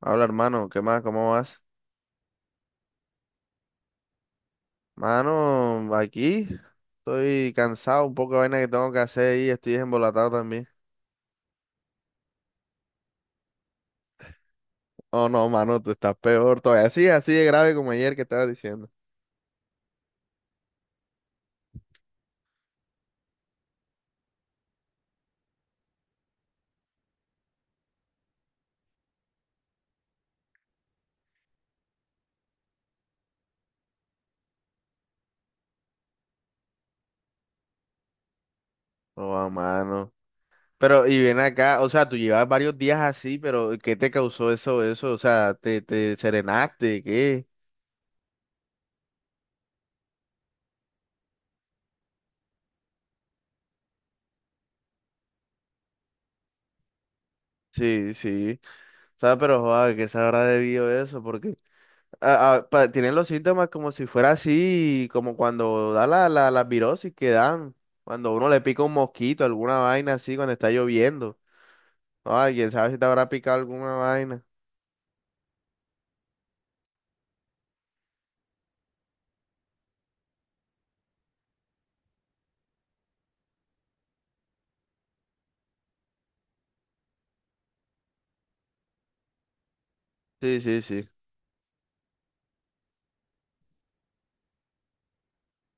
Habla, hermano, ¿qué más? ¿Cómo vas? Mano, aquí estoy cansado, un poco de vaina que tengo que hacer y estoy embolatado también. Oh, no, mano, tú estás peor todavía. Sí, así de grave como ayer que estabas diciendo. Oh, ah, mano. Pero, y ven acá, o sea, tú llevas varios días así, pero ¿qué te causó eso? O sea, ¿te serenaste? ¿Qué? Sí, sí. O sea, pero, joder, ¿qué se habrá debido eso? Porque tienen los síntomas como si fuera así, como cuando da la virosis que dan, cuando uno le pica un mosquito, alguna vaina así, cuando está lloviendo. Ay, quién sabe si te habrá picado alguna vaina. Sí, sí, sí.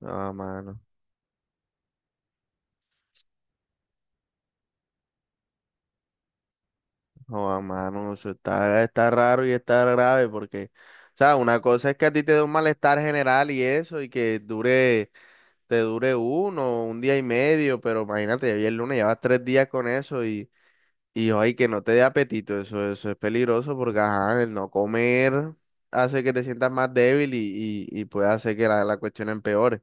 No, mano. No, mano, eso está, está raro y está grave porque, o sea, una cosa es que a ti te dé un malestar general y eso, y que dure, te dure uno, un día y medio, pero imagínate, ya el lunes llevas tres días con eso. Y ay, que no te dé apetito, eso es peligroso porque ajá, el no comer hace que te sientas más débil y, y puede hacer que la cuestión empeore.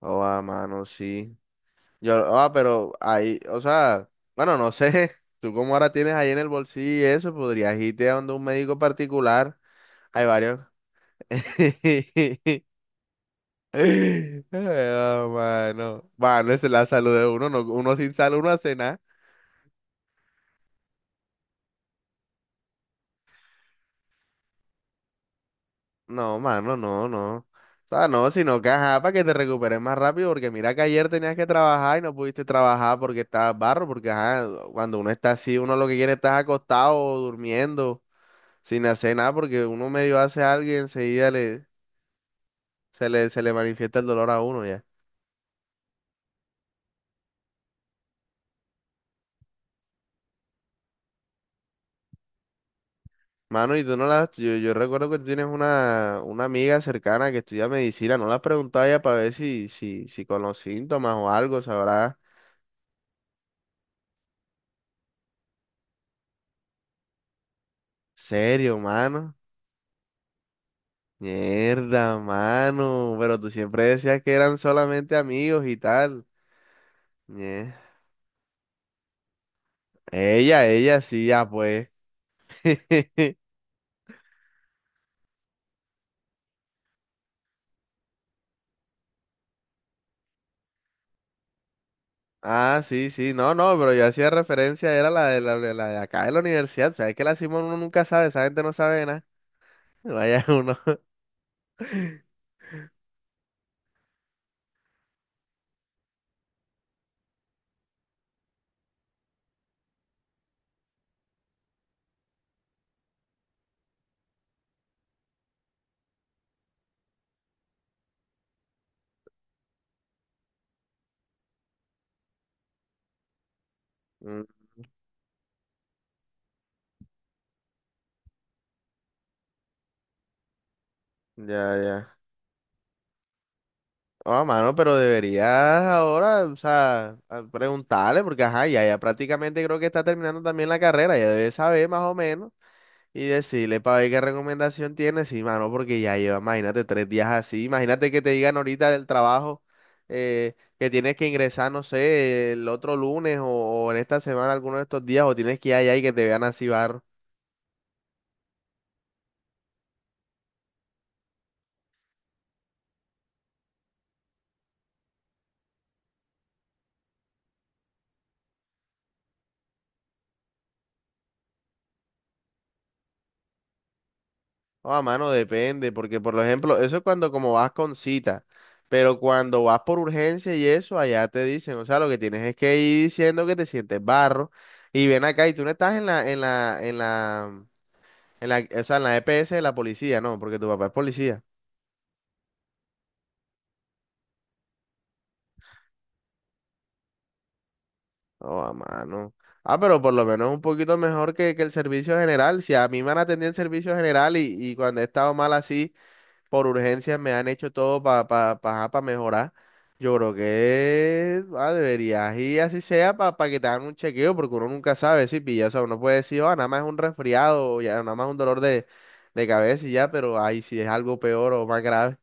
Oh, ah, mano, sí. Yo, ah, pero ahí, o sea, bueno, no sé, tú como ahora tienes ahí en el bolsillo y eso, podrías irte a donde un médico particular. Hay varios. Ay, ah, mano, mano, esa es la salud de uno, no, uno sin salud no hace nada. No, mano, no, no. O sea, no, sino que ajá, para que te recuperes más rápido, porque mira que ayer tenías que trabajar y no pudiste trabajar porque estabas barro, porque ajá, cuando uno está así, uno lo que quiere es estar acostado, o durmiendo, sin hacer nada, porque uno medio hace algo y enseguida le, se le manifiesta el dolor a uno ya. Mano, y tú no las, yo recuerdo que tú tienes una amiga cercana que estudia medicina, no la has preguntado ya para ver si, si con los síntomas o algo, sabrá. Serio, mano. Mierda, mano. Pero tú siempre decías que eran solamente amigos y tal. Ñe. Ella, sí, ya pues. Ah, sí, sí. No, no, pero yo hacía referencia, era la de la de acá de la universidad. O sea, es que la Simón uno nunca sabe, esa gente no sabe nada. Vaya uno. Mm. Ya, ya. Oh, mano, pero deberías ahora, o sea, preguntarle, porque ajá, ya prácticamente creo que está terminando también la carrera, ya debe saber más o menos. Y decirle para ver qué recomendación tienes, sí, mano, porque ya lleva, imagínate, tres días así. Imagínate que te digan ahorita del trabajo, que tienes que ingresar, no sé, el otro lunes o en esta semana, alguno de estos días, o tienes que ir allá y que te vean así barro. O a mano, depende, porque por ejemplo, eso es cuando como vas con cita, pero cuando vas por urgencia y eso, allá te dicen, o sea, lo que tienes es que ir diciendo que te sientes barro y ven acá y tú no estás en la En la, o sea, en la EPS de la policía, no, porque tu papá es policía. Oh, mano. Ah, pero por lo menos un poquito mejor que el servicio general. Si a mí me han atendido en servicio general y cuando he estado mal así, por urgencias me han hecho todo para pa, pa, pa pa mejorar. Yo creo que deberías ir así sea para que te hagan un chequeo, porque uno nunca sabe si pilla. O sea, uno puede decir, oh, nada más es un resfriado, o ya, nada más un dolor de cabeza y ya, pero ahí si es algo peor o más grave.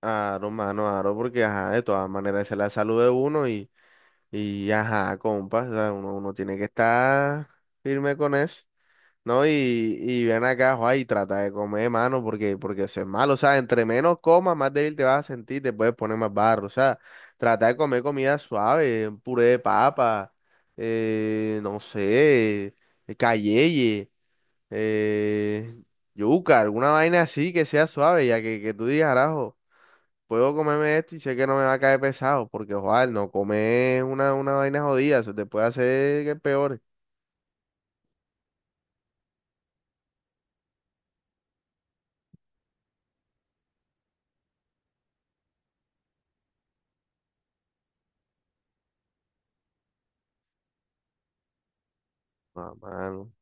Aro, mano, aro, porque ajá, de todas maneras esa es la salud de uno y ajá, compa, o sea, uno tiene que estar firme con eso, ¿no? Y ven acá, joa, y trata de comer, mano, porque eso es malo, o sea, entre menos comas, más débil te vas a sentir, te puedes poner más barro, o sea, trata de comer comida suave, un puré de papa, no sé, cayeye, eh, yuca, alguna vaina así que sea suave, ya que tú digas, arajo, puedo comerme esto y sé que no me va a caer pesado, porque ojalá no comer una vaina jodida, eso te puede hacer que peores. No, mano.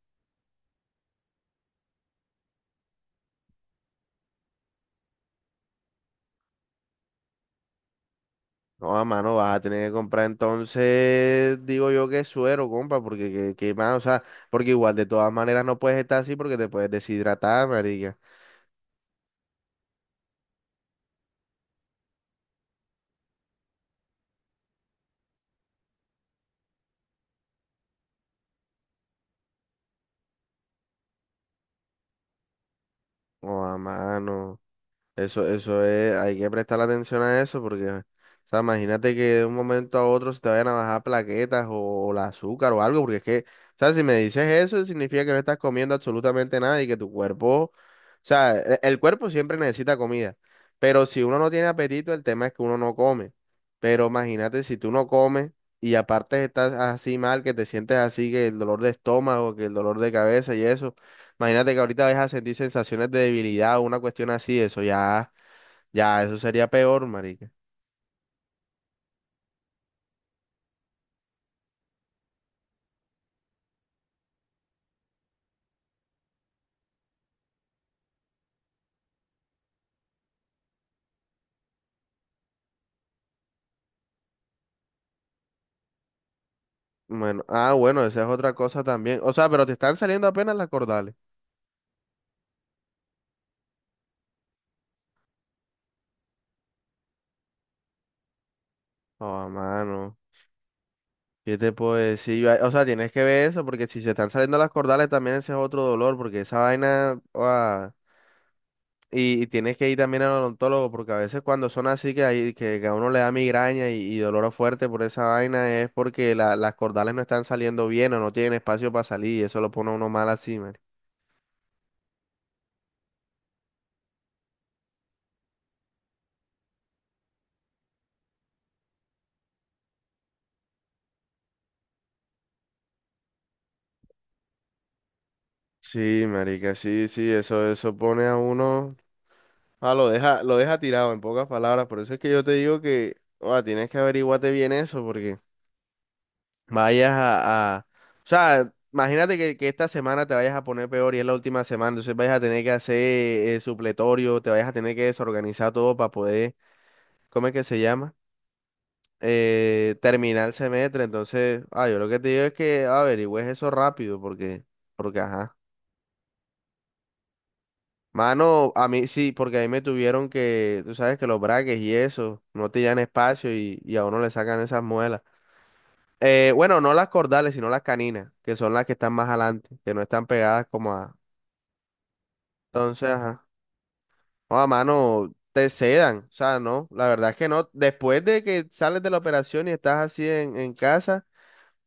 No, a mano, vas a tener que comprar entonces, digo yo que suero, compa, porque que mano, o sea, porque igual de todas maneras no puedes estar así porque te puedes deshidratar, marica. No, a mano. Eso es, hay que prestar atención a eso porque, o sea, imagínate que de un momento a otro se te vayan a bajar plaquetas o, el azúcar o algo, porque es que, o sea, si me dices eso, significa que no estás comiendo absolutamente nada y que tu cuerpo, o sea, cuerpo siempre necesita comida, pero si uno no tiene apetito, el tema es que uno no come. Pero imagínate si tú no comes y aparte estás así mal, que te sientes así, que el dolor de estómago, que el dolor de cabeza y eso, imagínate que ahorita vas a sentir sensaciones de debilidad o una cuestión así, eso ya. Ya, eso sería peor, marica. Bueno, bueno, esa es otra cosa también. O sea, pero te están saliendo apenas las cordales. Oh, mano. ¿Qué te puedo decir? Yo- O sea, tienes que ver eso, porque si se están saliendo las cordales, también ese es otro dolor, porque esa vaina. Ah, y tienes que ir también al odontólogo, porque a veces cuando son así que, hay, que a uno le da migraña y dolor fuerte por esa vaina, es porque las cordales no están saliendo bien o no tienen espacio para salir, y eso lo pone a uno mal así, marica. Sí, marica, sí, sí, eso pone a uno. Ah, lo deja tirado en pocas palabras. Por eso es que yo te digo que tienes que averiguarte bien eso, porque vayas O sea, imagínate que esta semana te vayas a poner peor y es la última semana, entonces vayas a tener que hacer supletorio, te vayas a tener que desorganizar todo para poder, ¿cómo es que se llama? Terminar el semestre. Entonces, ah, yo lo que te digo es que averigües eso rápido, porque ajá. Mano, a mí sí, porque ahí me tuvieron que, tú sabes que los braques y eso, no tenían espacio y a uno le sacan esas muelas. Bueno, no las cordales, sino las caninas, que son las que están más adelante, que no están pegadas como a... Entonces, ajá. No, a mano, te sedan, o sea, no, la verdad es que no. Después de que sales de la operación y estás así en casa,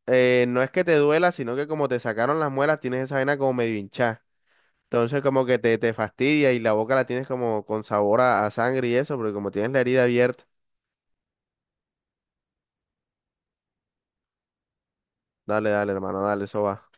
no es que te duela, sino que como te sacaron las muelas, tienes esa vaina como medio hinchada. Entonces como que te fastidia y la boca la tienes como con sabor a sangre y eso, porque como tienes la herida abierta. Dale, dale, hermano, dale, eso va.